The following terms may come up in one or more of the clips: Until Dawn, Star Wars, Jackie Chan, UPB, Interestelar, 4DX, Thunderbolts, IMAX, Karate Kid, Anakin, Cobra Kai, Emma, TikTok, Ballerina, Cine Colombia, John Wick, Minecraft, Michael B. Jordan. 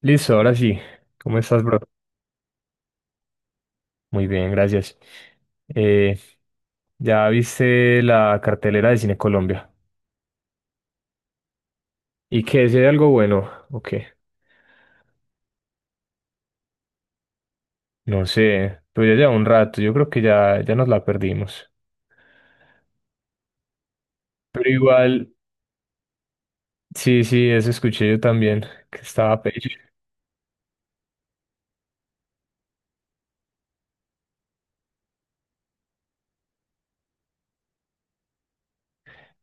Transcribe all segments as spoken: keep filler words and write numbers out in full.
Listo, ahora sí. ¿Cómo estás, bro? Muy bien, gracias. Eh, ¿ya viste la cartelera de Cine Colombia? ¿Y qué? ¿Si hay algo bueno? ¿O qué? No sé, pero ya lleva un rato, yo creo que ya, ya nos la perdimos. Pero igual, sí, sí, eso escuché yo también, que estaba pecho.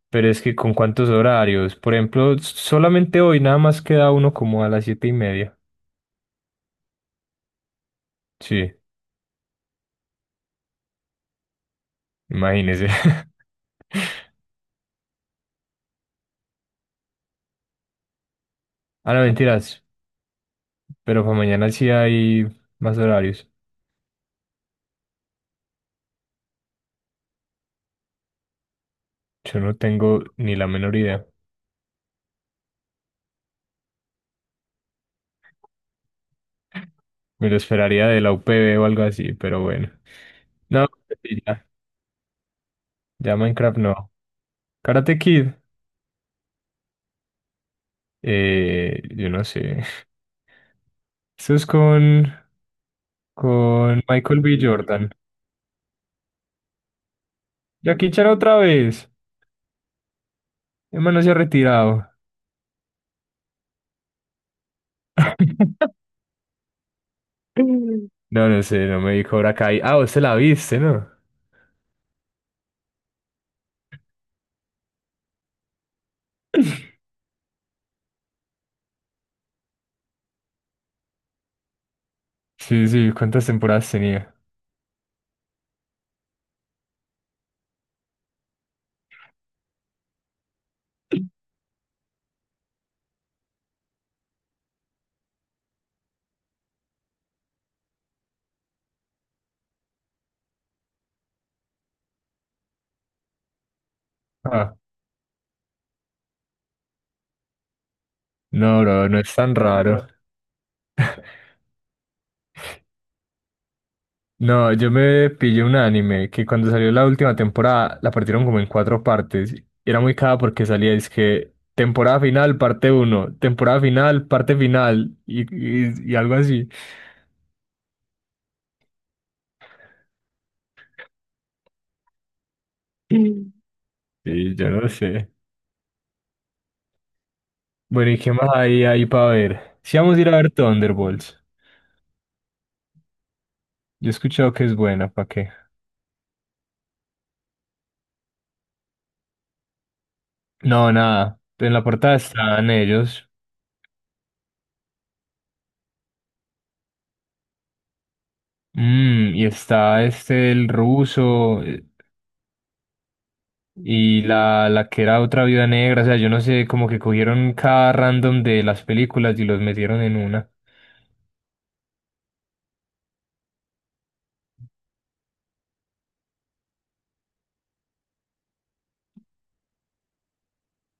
Pero es que con cuántos horarios, por ejemplo, s- solamente hoy nada más queda uno como a las siete y media. Sí, imagínese. Ah, no, mentiras. Pero para mañana sí hay más horarios. Yo no tengo ni la menor idea. Me lo esperaría de la U P B o algo así, pero bueno. No, pues sí, ya, ya Minecraft no. Karate Kid, eh, yo no sé. Eso es con, con Michael B. Jordan. Jackie Chan otra vez. Emma no se ha retirado. Mm. No, no sé, no me dijo Cobra Kai. Ah, vos se la viste, ¿no? Sí, sí, ¿cuántas temporadas tenía? Ah, no, bro, no es tan raro. No, yo me pillé un anime que cuando salió la última temporada la partieron como en cuatro partes. Era muy cada porque salía, es que temporada final, parte uno, temporada final, parte final y, y, y algo así. Mm. Sí, yo no sé. Bueno, ¿y qué más hay ahí para ver? Si vamos a ir a ver Thunderbolts. Yo he escuchado que es buena, ¿para qué? No, nada. En la portada están ellos. Mm, y está este el ruso. Y la, la que era otra viuda negra, o sea, yo no sé, como que cogieron cada random de las películas y los metieron en una.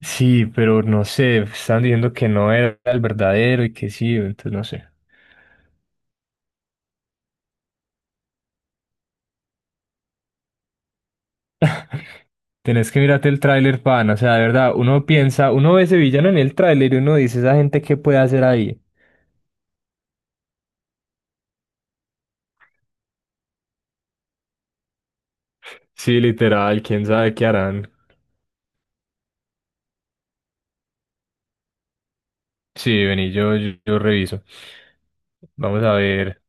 Sí, pero no sé, estaban diciendo que no era el verdadero y que sí, entonces no sé. Tenés que mirarte el tráiler, pana, o sea, de verdad, uno piensa, uno ve ese villano en el tráiler y uno dice, esa gente, ¿qué puede hacer ahí? Sí, literal, quién sabe qué harán. Sí, vení, yo, yo, yo reviso. Vamos a ver.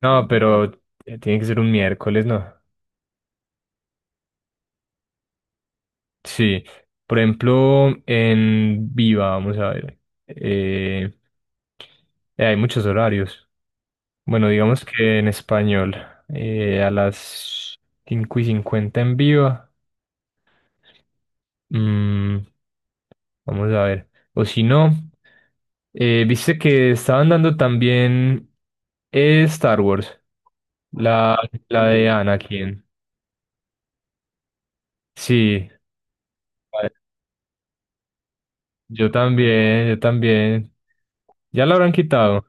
No, pero eh, tiene que ser un miércoles, ¿no? Sí, por ejemplo, en Viva, vamos a ver, eh, eh, hay muchos horarios. Bueno, digamos que en español, eh, a las cinco y cincuenta en Viva, mm, vamos a ver, o si no, eh, viste que estaban dando también eh, Star Wars, la, la de Anakin. Sí, vale, yo también, yo también, ya la habrán quitado.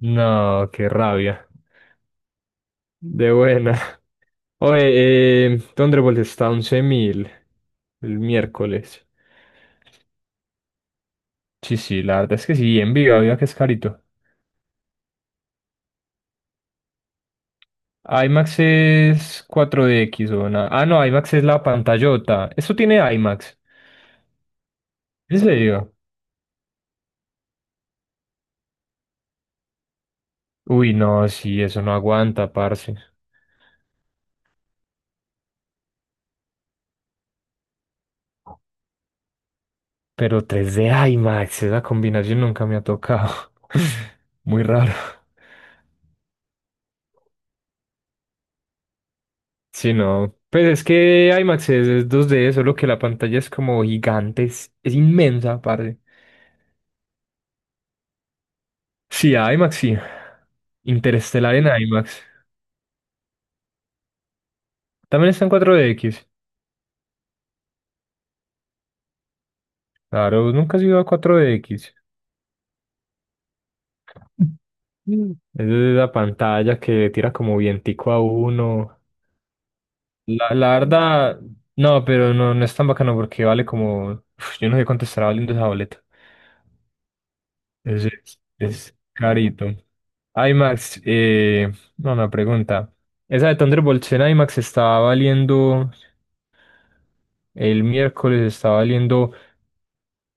No, qué rabia. De buena. Oye, eh, Thunderbolt está once mil el miércoles. Sí, sí, la verdad es que sí, en vivo, viva que es carito. IMAX es cuatro D X o nada. Ah, no, IMAX es la pantallota. Eso tiene IMAX. ¿En serio? Uy, no, sí, eso no aguanta, parce. Pero tres d IMAX, esa combinación nunca me ha tocado. Muy raro. Sí, no. Pues es que IMAX es, es dos D, solo que la pantalla es como gigante, es, es inmensa, aparte. Sí, IMAX sí. Interestelar en IMAX. También está en cuatro D X. Claro, nunca has ido a cuatro de equis. Mm. Es la pantalla que tira como vientico a uno. La, la verdad, no, pero no, no es tan bacano porque vale como. Uf, yo no sé cuánto estará valiendo esa boleta. Es, es- es carito. IMAX, eh, no, una pregunta. Esa de Thunderbolts en IMAX estaba valiendo, el miércoles estaba valiendo,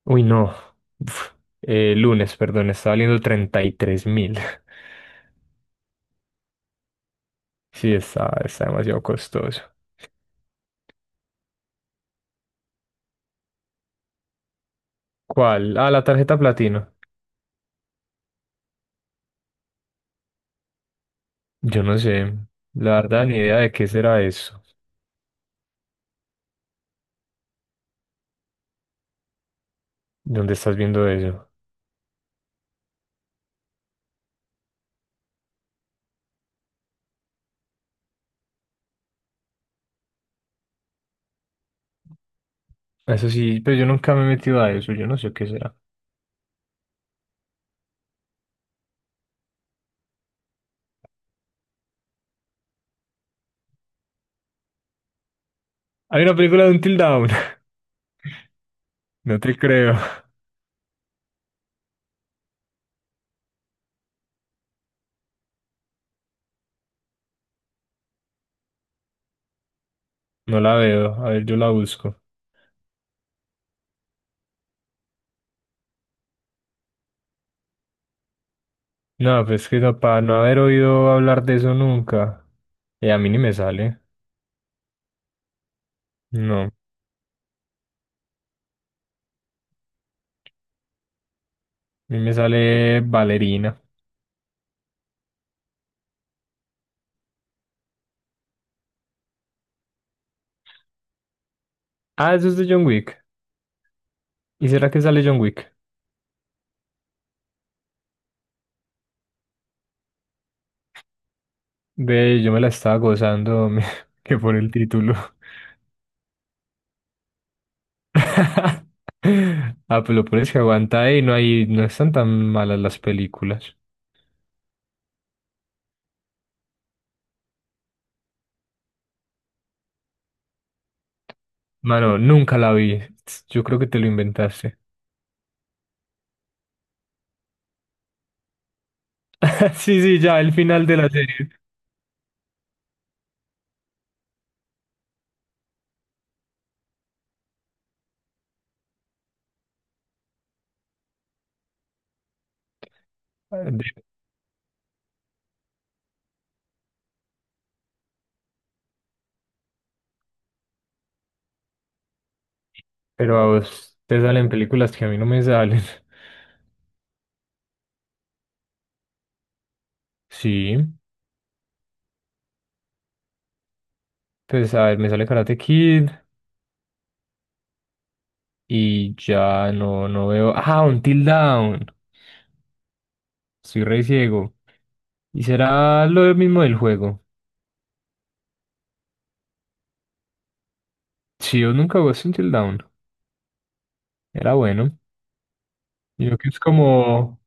uy, no, uf, eh, lunes, perdón, estaba valiendo treinta y tres mil. Sí, está, está demasiado costoso. ¿Cuál? Ah, la tarjeta platino. Yo no sé, la verdad, ni idea de qué será eso. ¿Dónde estás viendo eso? Eso sí, pero yo nunca me he metido a eso, yo no sé qué será. Hay una película de Until Dawn. No te creo, no la veo. A ver, yo la busco. No, pues que eso, para no haber oído hablar de eso nunca. Eh, a mí ni me sale. No, a mí me sale Ballerina. Ah, eso es de John Wick. ¿Y será que sale John Wick? Ve, yo me la estaba gozando, me- que por el título. Ah, pues lo peor es que aguanta y no hay, no están tan malas las películas. Mano, nunca la vi. Yo creo que te lo inventaste. Sí, sí, ya, el final de la serie. Pero a vos te salen películas que a mí no me salen. Sí, pues a ver, me sale Karate Kid y ya no, no veo. Ah, Until Dawn. Soy re ciego. ¿Y será lo mismo del juego? Sí, yo nunca jugué Until Dawn. Era bueno. Yo que es como.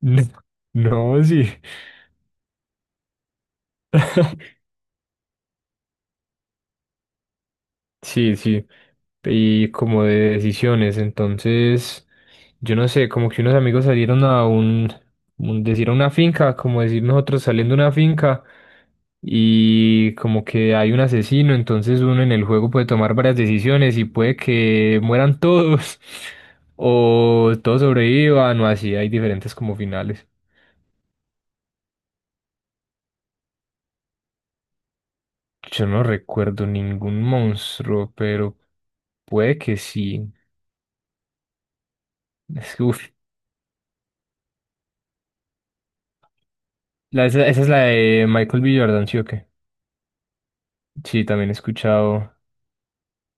No, sí. Sí, sí, y como de decisiones, entonces, yo no sé, como que unos amigos salieron a un, un- decir a una finca, como decir nosotros saliendo a una finca, y como que hay un asesino, entonces uno en el juego puede tomar varias decisiones y puede que mueran todos, o todos sobrevivan, o así, hay diferentes como finales. Yo no recuerdo ningún monstruo, pero puede que sí. Es que, uf, La- esa, esa es la de Michael B. Jordan, ¿sí o qué? Sí, también he escuchado,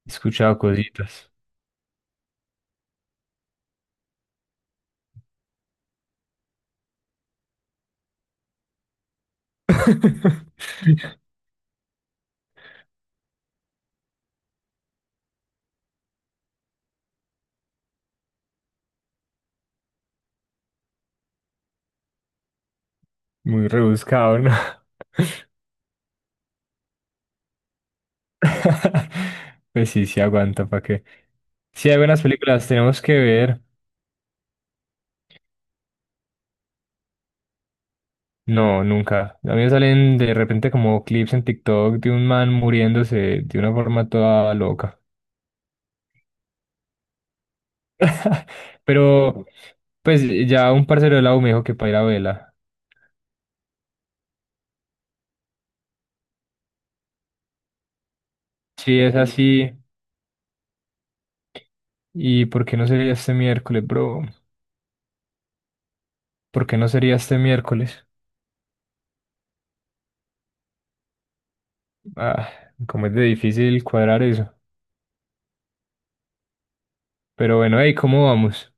he escuchado cositas. Muy rebuscado, ¿no? Pues sí, sí aguanta, ¿para qué? Sí, hay buenas películas, tenemos que ver. No, nunca. A mí me salen de repente como clips en TikTok de un man muriéndose de una forma toda loca. Pero, pues ya un parcero de la U me dijo que para ir a vela. Sí, es así. ¿Y por qué no sería este miércoles, bro? ¿Por qué no sería este miércoles? Ah, como es de difícil cuadrar eso. Pero bueno, hey, ¿cómo vamos?